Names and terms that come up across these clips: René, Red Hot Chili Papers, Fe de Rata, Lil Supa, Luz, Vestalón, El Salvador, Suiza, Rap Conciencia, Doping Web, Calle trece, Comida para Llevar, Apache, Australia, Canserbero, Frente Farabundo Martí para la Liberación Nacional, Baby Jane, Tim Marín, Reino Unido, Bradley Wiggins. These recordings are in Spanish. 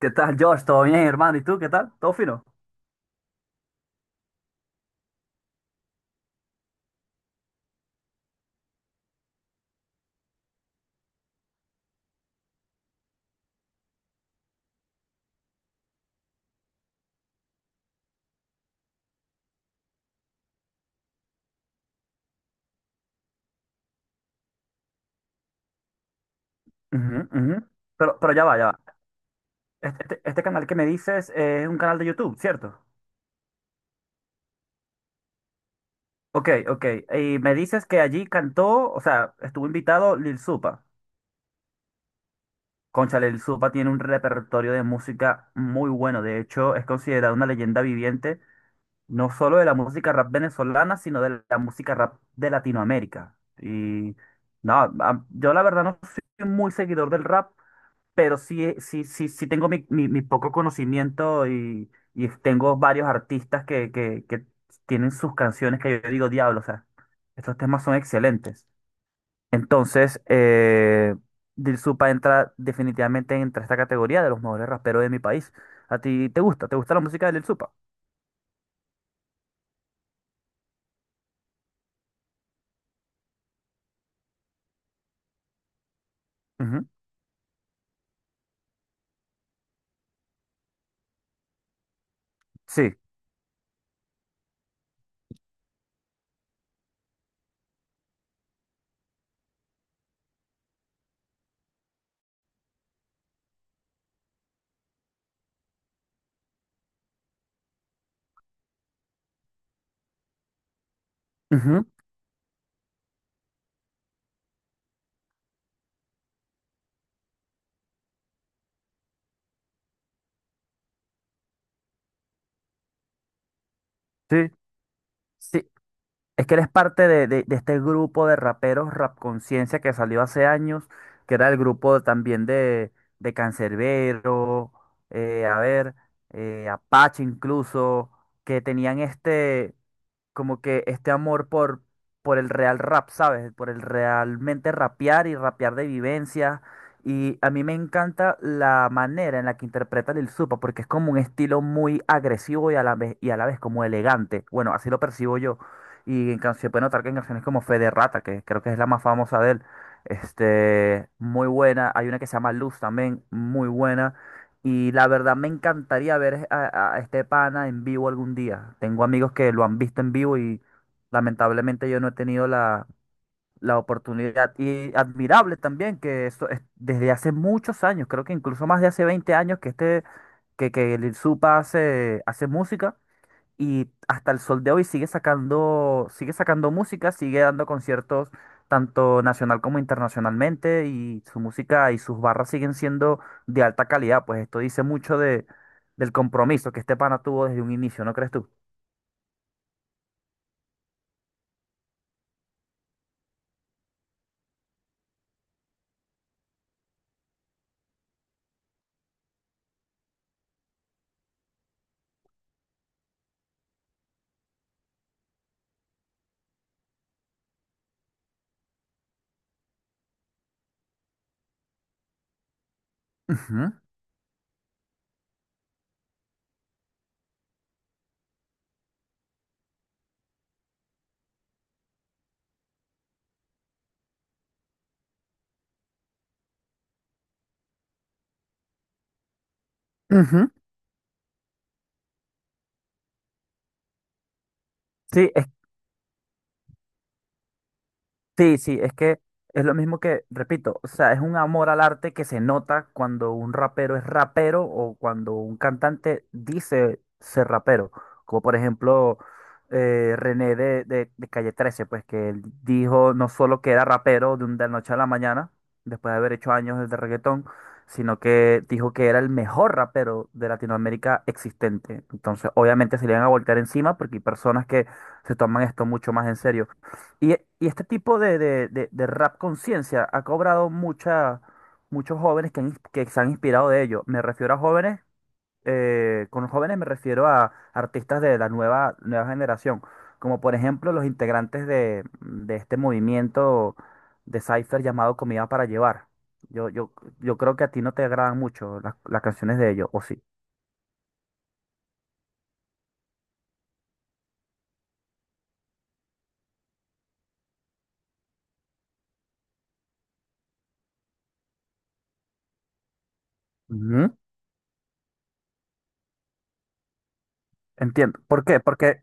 ¿Qué tal, Josh? ¿Todo bien, hermano? ¿Y tú? ¿Qué tal? ¿Todo fino? Ujú, ujú. Pero, ya va, ya va. Este canal que me dices es un canal de YouTube, ¿cierto? Ok, ok. Y me dices que allí cantó, o sea, estuvo invitado Lil Supa. Cónchale, Lil Supa tiene un repertorio de música muy bueno. De hecho, es considerado una leyenda viviente, no solo de la música rap venezolana, sino de la música rap de Latinoamérica. Y no, yo la verdad no soy muy seguidor del rap, pero sí, sí, sí, sí tengo mi, mi poco conocimiento y tengo varios artistas que, que tienen sus canciones que yo digo, diablo, o sea, estos temas son excelentes. Entonces, Dil Supa entra definitivamente entre esta categoría de los mejores raperos de mi país. ¿A ti te gusta? ¿Te gusta la música de Dil Supa? Ujú, sí. Ujú, sí. Sí, es que él es parte de, de este grupo de raperos Rap Conciencia que salió hace años, que era el grupo también de Canserbero, a ver, Apache incluso, que tenían este como que este amor por el real rap, ¿sabes? Por el realmente rapear y rapear de vivencias. Y a mí me encanta la manera en la que interpreta Lil Supa, porque es como un estilo muy agresivo y a la vez como elegante. Bueno, así lo percibo yo. Y en canciones, puede notar que en canciones como Fe de Rata, que creo que es la más famosa de él, muy buena. Hay una que se llama Luz también, muy buena. Y la verdad me encantaría ver a este pana en vivo algún día. Tengo amigos que lo han visto en vivo y lamentablemente yo no he tenido la oportunidad. Y admirable también que eso es desde hace muchos años, creo que incluso más de hace 20 años que que Lil Supa hace, hace música y hasta el sol de hoy sigue sacando música, sigue dando conciertos tanto nacional como internacionalmente y su música y sus barras siguen siendo de alta calidad, pues esto dice mucho del compromiso que este pana tuvo desde un inicio, ¿no crees tú? Ujú, ujú. Sí, es Sí, sí, es que es lo mismo que, repito, o sea, es un amor al arte que se nota cuando un rapero es rapero o cuando un cantante dice ser rapero. Como por ejemplo René de, de Calle 13, pues que él dijo no solo que era rapero de la noche a la mañana, después de haber hecho años de reggaetón, sino que dijo que era el mejor rapero de Latinoamérica existente. Entonces, obviamente se le van a voltear encima porque hay personas que se toman esto mucho más en serio. Y, y este tipo de rap conciencia ha cobrado muchos jóvenes que se han inspirado de ello. Me refiero a jóvenes, con jóvenes me refiero a artistas de la nueva generación, como por ejemplo los integrantes de este movimiento de Cypher llamado Comida para Llevar. Yo, yo, yo creo que a ti no te agradan mucho las canciones de ellos, ¿o sí? Ujú. Entiendo. ¿Por qué? Porque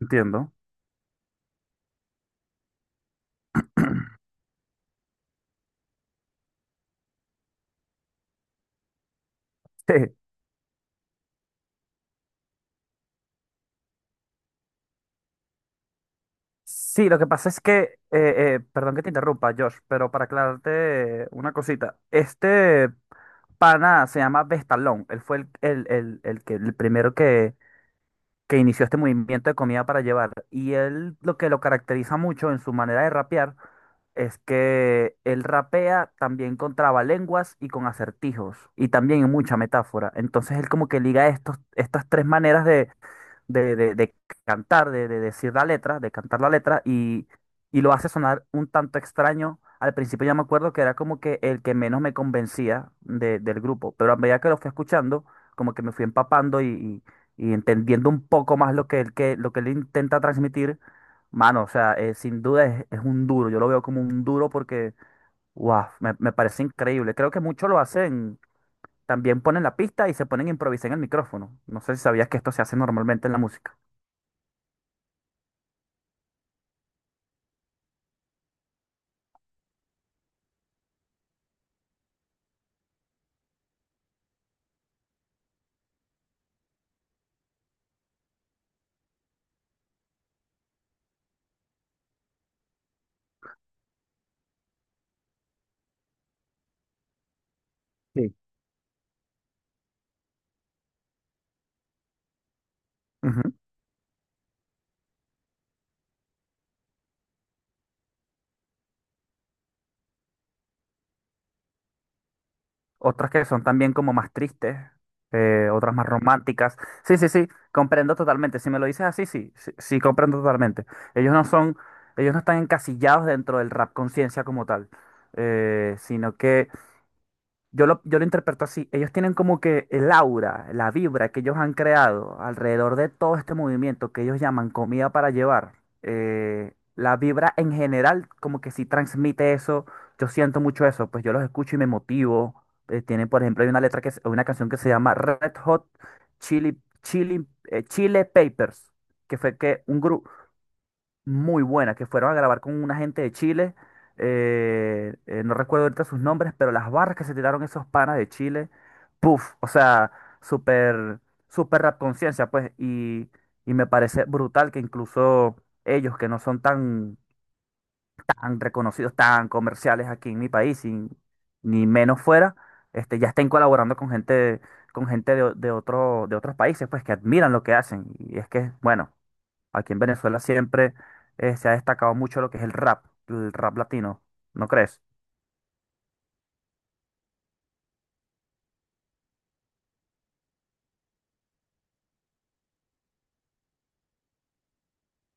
entiendo. Sí, lo que pasa es que, perdón que te interrumpa, Josh, pero para aclararte una cosita, este pana se llama Vestalón, él fue el primero que inició este movimiento de comida para llevar, y él lo que lo caracteriza mucho en su manera de rapear es que él rapea también con trabalenguas y con acertijos, y también en mucha metáfora, entonces él como que liga estas tres maneras de cantar, de decir la letra, de cantar la letra y lo hace sonar un tanto extraño. Al principio ya me acuerdo que era como que el que menos me convencía del grupo, pero a medida que lo fui escuchando, como que me fui empapando y entendiendo un poco más lo que él intenta transmitir, mano, o sea, sin duda es un duro, yo lo veo como un duro porque, wow, me parece increíble. Creo que muchos lo hacen, también ponen la pista y se ponen a improvisar en el micrófono. No sé si sabías que esto se hace normalmente en la música. Sí. Ujú. Otras que son también como más tristes, otras más románticas. Sí, sí, sí, comprendo totalmente. Si me lo dices así, sí, sí, sí, comprendo totalmente. Ellos no son, ellos no están encasillados dentro del rap conciencia como tal, sino que yo lo interpreto así. Ellos tienen como que el aura, la vibra que ellos han creado alrededor de todo este movimiento que ellos llaman comida para llevar. La vibra en general como que sí transmite eso. Yo siento mucho eso. Pues yo los escucho y me motivo. Tienen, por ejemplo, hay una letra una canción que se llama Red Hot Chile Papers, que fue que un grupo, muy buena, que fueron a grabar con una gente de Chile. No recuerdo ahorita sus nombres, pero las barras que se tiraron esos panas de Chile, puff, o sea, súper, súper rap conciencia, pues, y me parece brutal que incluso ellos que no son tan, tan reconocidos, tan comerciales aquí en mi país, y ni menos fuera, ya estén colaborando con gente de otros países, pues, que admiran lo que hacen. Y es que, bueno. Aquí en Venezuela siempre se ha destacado mucho lo que es el rap latino, ¿no crees?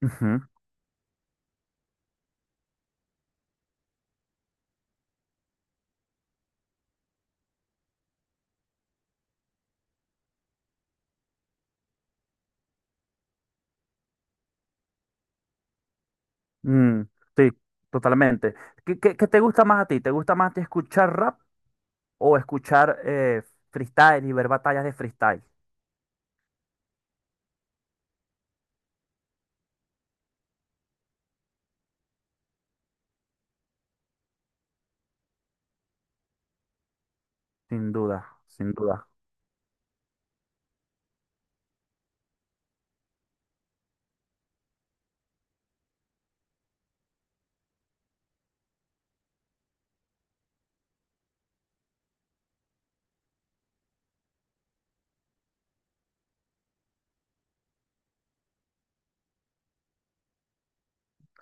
Ujú. Mm, sí, totalmente. ¿Qué te gusta más a ti? ¿Te gusta más a ti escuchar rap o escuchar freestyle y ver batallas de freestyle? Sin duda, sin duda.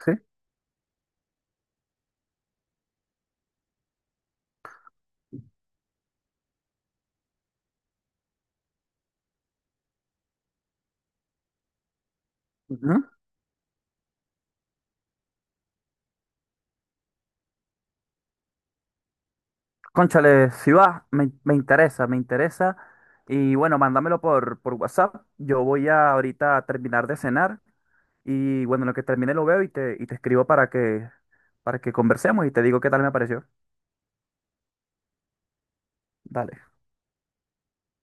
¿Sí? Ujú. Cónchale, si va, me interesa, me interesa. Y bueno, mándamelo por WhatsApp. Yo voy a ahorita terminar de cenar. Y bueno, en lo que termine lo veo y te escribo para que conversemos y te digo qué tal me pareció. Dale.